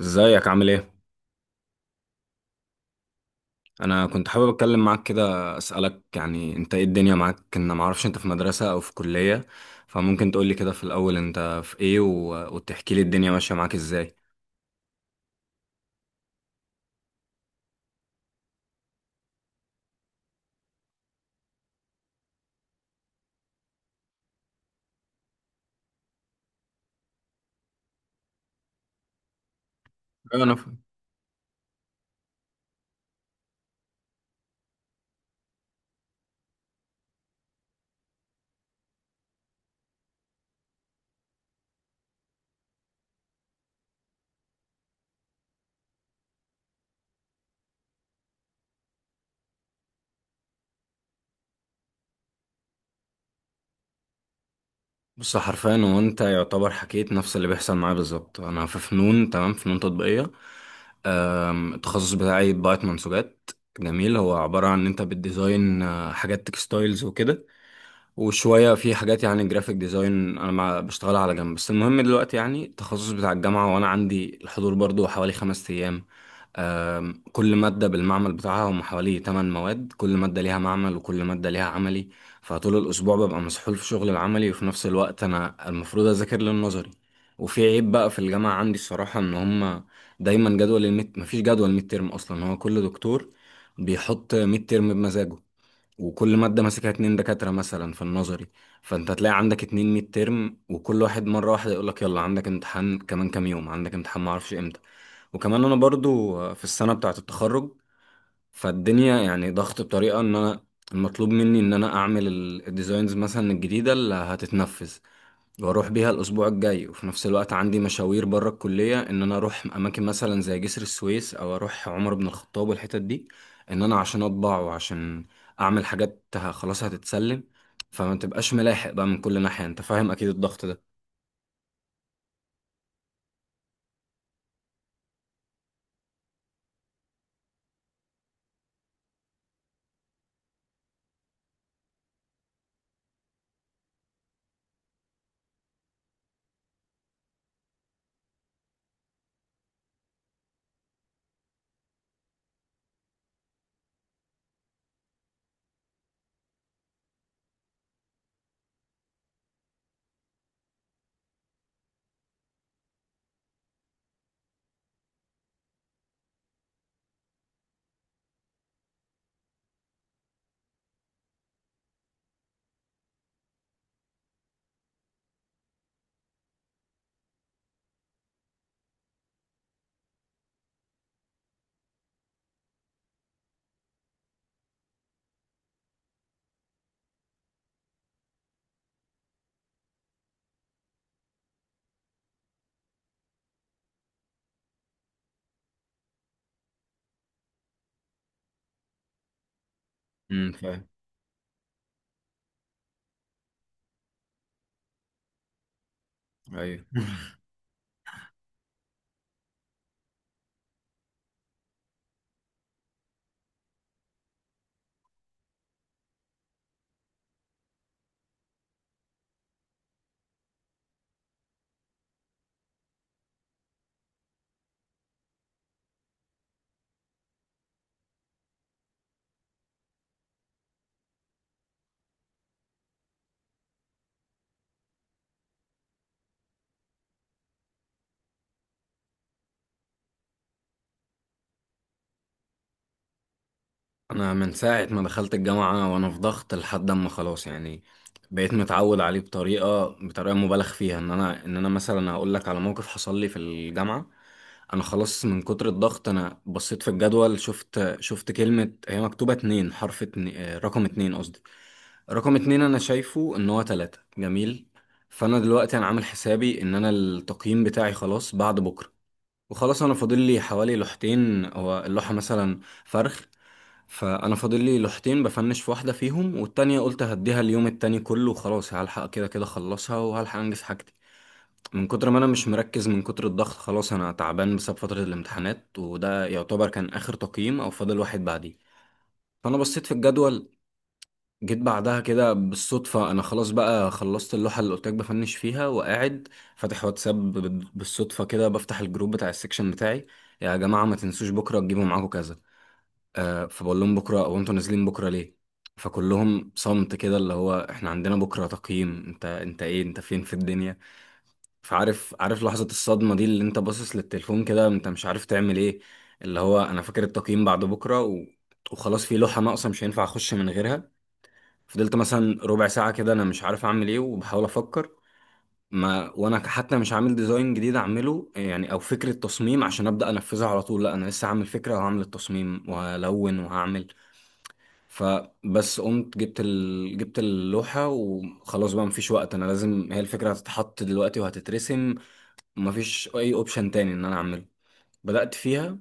ازيك عامل ايه؟ انا كنت حابب اتكلم معاك كده، اسالك يعني انت ايه الدنيا معاك، ان ما اعرفش انت في مدرسه او في كليه. فممكن تقول لي كده في الاول انت في ايه وتحكي لي الدنيا ماشيه معاك ازاي. ايوه، بص، حرفيا هو انت يعتبر حكيت نفس اللي بيحصل معايا بالظبط. انا في فنون، تمام، فنون تطبيقيه. التخصص بتاعي بضاعه منسوجات، جميل. هو عباره عن ان انت بتديزاين حاجات تكستايلز وكده، وشوية في حاجات يعني جرافيك ديزاين أنا مع بشتغلها على جنب. بس المهم دلوقتي يعني التخصص بتاع الجامعة، وأنا عندي الحضور برضو حوالي 5 أيام. كل مادة بالمعمل بتاعها، هم حوالي تمن مواد، كل مادة ليها معمل وكل مادة ليها عملي. فطول الأسبوع ببقى مسحول في شغل العملي، وفي نفس الوقت أنا المفروض أذاكر للنظري. وفي عيب بقى في الجامعة عندي الصراحة، إن هم دايما جدول الميد مفيش جدول ميد ترم أصلا، هو كل دكتور بيحط ميد ترم بمزاجه. وكل مادة ماسكها اتنين دكاترة مثلا في النظري، فانت هتلاقي عندك اتنين ميد ترم، وكل واحد مرة واحدة يقولك يلا عندك امتحان كمان كام يوم، عندك امتحان معرفش امتى. وكمان انا برضو في السنة بتاعة التخرج، فالدنيا يعني ضغط بطريقة ان انا المطلوب مني ان انا اعمل الديزاينز مثلا الجديدة اللي هتتنفذ، واروح بيها الاسبوع الجاي. وفي نفس الوقت عندي مشاوير بره الكليه، ان انا اروح اماكن مثلا زي جسر السويس او اروح عمر بن الخطاب والحتت دي، ان انا عشان اطبع وعشان اعمل حاجات خلاص هتتسلم، فما تبقاش ملاحق بقى من كل ناحيه. انت فاهم اكيد الضغط ده؟ امم، فاهم. ايوه، انا من ساعه ما دخلت الجامعه وانا في ضغط لحد اما خلاص، يعني بقيت متعود عليه بطريقه مبالغ فيها. ان انا مثلا هقول لك على موقف حصل لي في الجامعه. انا خلاص من كتر الضغط انا بصيت في الجدول، شفت كلمه هي مكتوبه اتنين، حرف اتنين، رقم اتنين قصدي، رقم اتنين، انا شايفه ان هو تلاتة، جميل. فانا دلوقتي انا عامل حسابي ان انا التقييم بتاعي خلاص بعد بكره، وخلاص انا فاضل لي حوالي لوحتين، هو اللوحه مثلا فرخ. فانا فاضل لي لوحتين، بفنش في واحده فيهم، والتانية قلت هديها اليوم التاني كله وخلاص هلحق، كده كده اخلصها وهلحق انجز حاجتي. من كتر ما انا مش مركز، من كتر الضغط خلاص انا تعبان بسبب فتره الامتحانات، وده يعتبر كان اخر تقييم او فاضل واحد بعديه. فانا بصيت في الجدول، جيت بعدها كده بالصدفه، انا خلاص بقى خلصت اللوحه اللي قلت لك بفنش فيها وقاعد فاتح واتساب، بالصدفه كده بفتح الجروب بتاع السكشن بتاعي. يا جماعه، ما تنسوش بكره تجيبوا معاكم كذا، فبقول لهم بكره، او انتوا نازلين بكره ليه؟ فكلهم صمت كده، اللي هو احنا عندنا بكره تقييم، انت ايه، انت فين في الدنيا؟ فعارف، عارف لحظه الصدمه دي، اللي انت باصص للتليفون كده انت مش عارف تعمل ايه. اللي هو انا فاكر التقييم بعد بكره، وخلاص في لوحه ناقصه مش هينفع اخش من غيرها. فضلت مثلا ربع ساعه كده انا مش عارف اعمل ايه وبحاول افكر. ما وانا حتى مش عامل ديزاين جديد اعمله يعني، او فكره تصميم عشان ابدا انفذها على طول، لا انا لسه هعمل فكره وهعمل التصميم وهلون وهعمل. فبس قمت جبت اللوحة، وخلاص بقى مفيش وقت، انا لازم، هي الفكرة هتتحط دلوقتي وهتترسم، مفيش اي اوبشن تاني ان انا اعمله. بدأت فيها.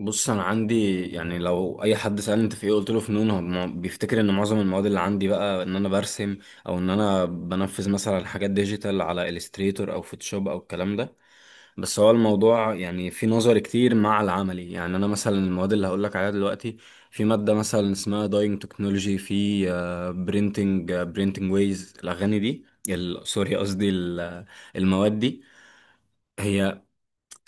بص، انا عندي يعني لو اي حد سالني انت في ايه قلت له فنون، هو بيفتكر ان معظم المواد اللي عندي بقى ان انا برسم، او ان انا بنفذ مثلا حاجات ديجيتال على الستريتور او فوتوشوب او الكلام ده. بس هو الموضوع يعني في نظر كتير مع العملي. يعني انا مثلا المواد اللي هقول لك عليها دلوقتي، في ماده مثلا اسمها داينج تكنولوجي، في برينتنج ويز الاغاني دي، سوري قصدي المواد دي، هي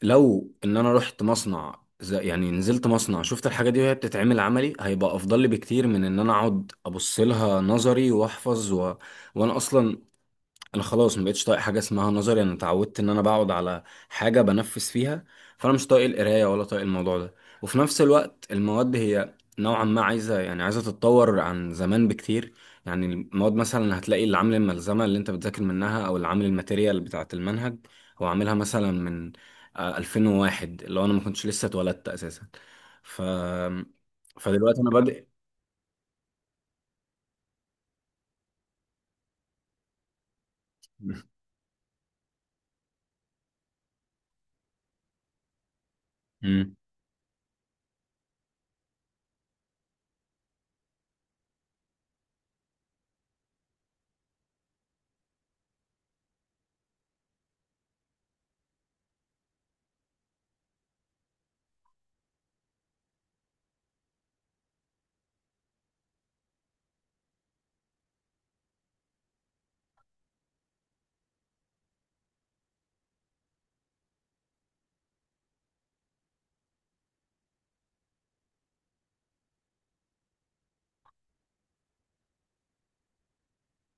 لو ان انا رحت مصنع يعني نزلت مصنع شفت الحاجة دي وهي بتتعمل عملي، هيبقى افضل لي بكتير من ان انا اقعد ابص لها نظري واحفظ. وانا اصلا انا خلاص ما بقتش طايق حاجه اسمها نظري، انا اتعودت ان انا بقعد على حاجه بنفذ فيها، فانا مش طايق القرايه ولا طايق الموضوع ده. وفي نفس الوقت المواد هي نوعا ما عايزه، يعني عايزه تتطور عن زمان بكتير. يعني المواد مثلا هتلاقي اللي عامل الملزمه اللي انت بتذاكر منها، او اللي عامل الماتيريال بتاعه المنهج، هو عاملها مثلا من 2001، اللي هو انا ما كنتش لسه اتولدت اساسا. ف فدلوقتي انا بادئ. مم.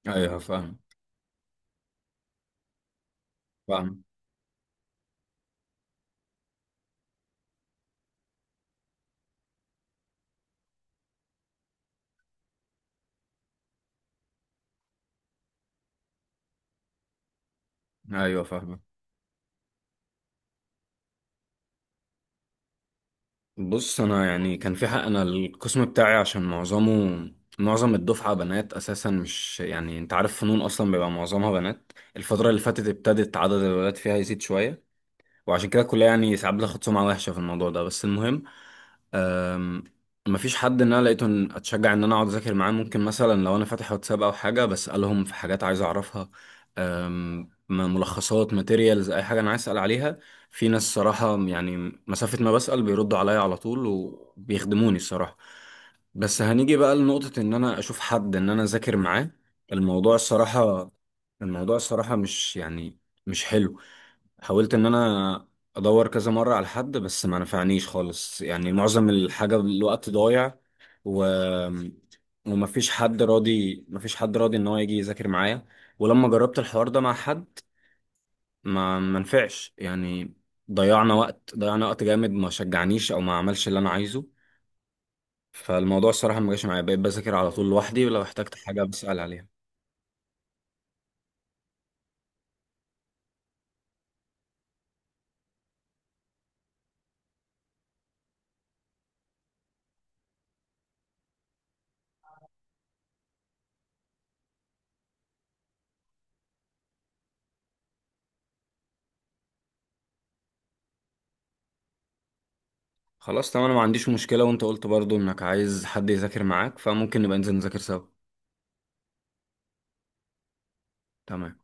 ايوه، فاهم. فاهم. ايوه، فاهم. بص، انا يعني كان في حق، انا القسم بتاعي عشان معظم الدفعه بنات اساسا، مش يعني، انت عارف فنون اصلا بيبقى معظمها بنات. الفتره اللي فاتت ابتدت عدد الولاد فيها يزيد شويه، وعشان كده الكليه يعني ساعات بتاخد سمعه وحشه في الموضوع ده. بس المهم، أم، مفيش حد ان انا لقيته اتشجع ان انا اقعد اذاكر معاه. ممكن مثلا لو انا فاتح واتساب او حاجه بسالهم في حاجات عايز اعرفها، أم، ملخصات، ماتيريالز، اي حاجه انا عايز اسال عليها، في ناس صراحه يعني مسافه ما بسال بيردوا عليا على طول وبيخدموني الصراحه. بس هنيجي بقى لنقطه ان انا اشوف حد ان انا اذاكر معاه، الموضوع الصراحه الموضوع الصراحه مش يعني مش حلو. حاولت ان انا ادور كذا مرة على حد بس ما نفعنيش خالص يعني، معظم الحاجة الوقت ضايع، و وما فيش حد راضي، ما فيش حد راضي ان هو يجي يذاكر معايا. ولما جربت الحوار ده مع حد ما نفعش يعني، ضيعنا وقت، ضيعنا وقت جامد، ما شجعنيش او ما عملش اللي انا عايزه. فالموضوع الصراحة ما جاش معايا، بقيت بذاكر على طول لوحدي، ولو احتجت حاجة بسأل عليها. خلاص، تمام، انا ما عنديش مشكلة، وانت قلت برضو انك عايز حد يذاكر معاك، فممكن نبقى ننزل نذاكر سوا. تمام.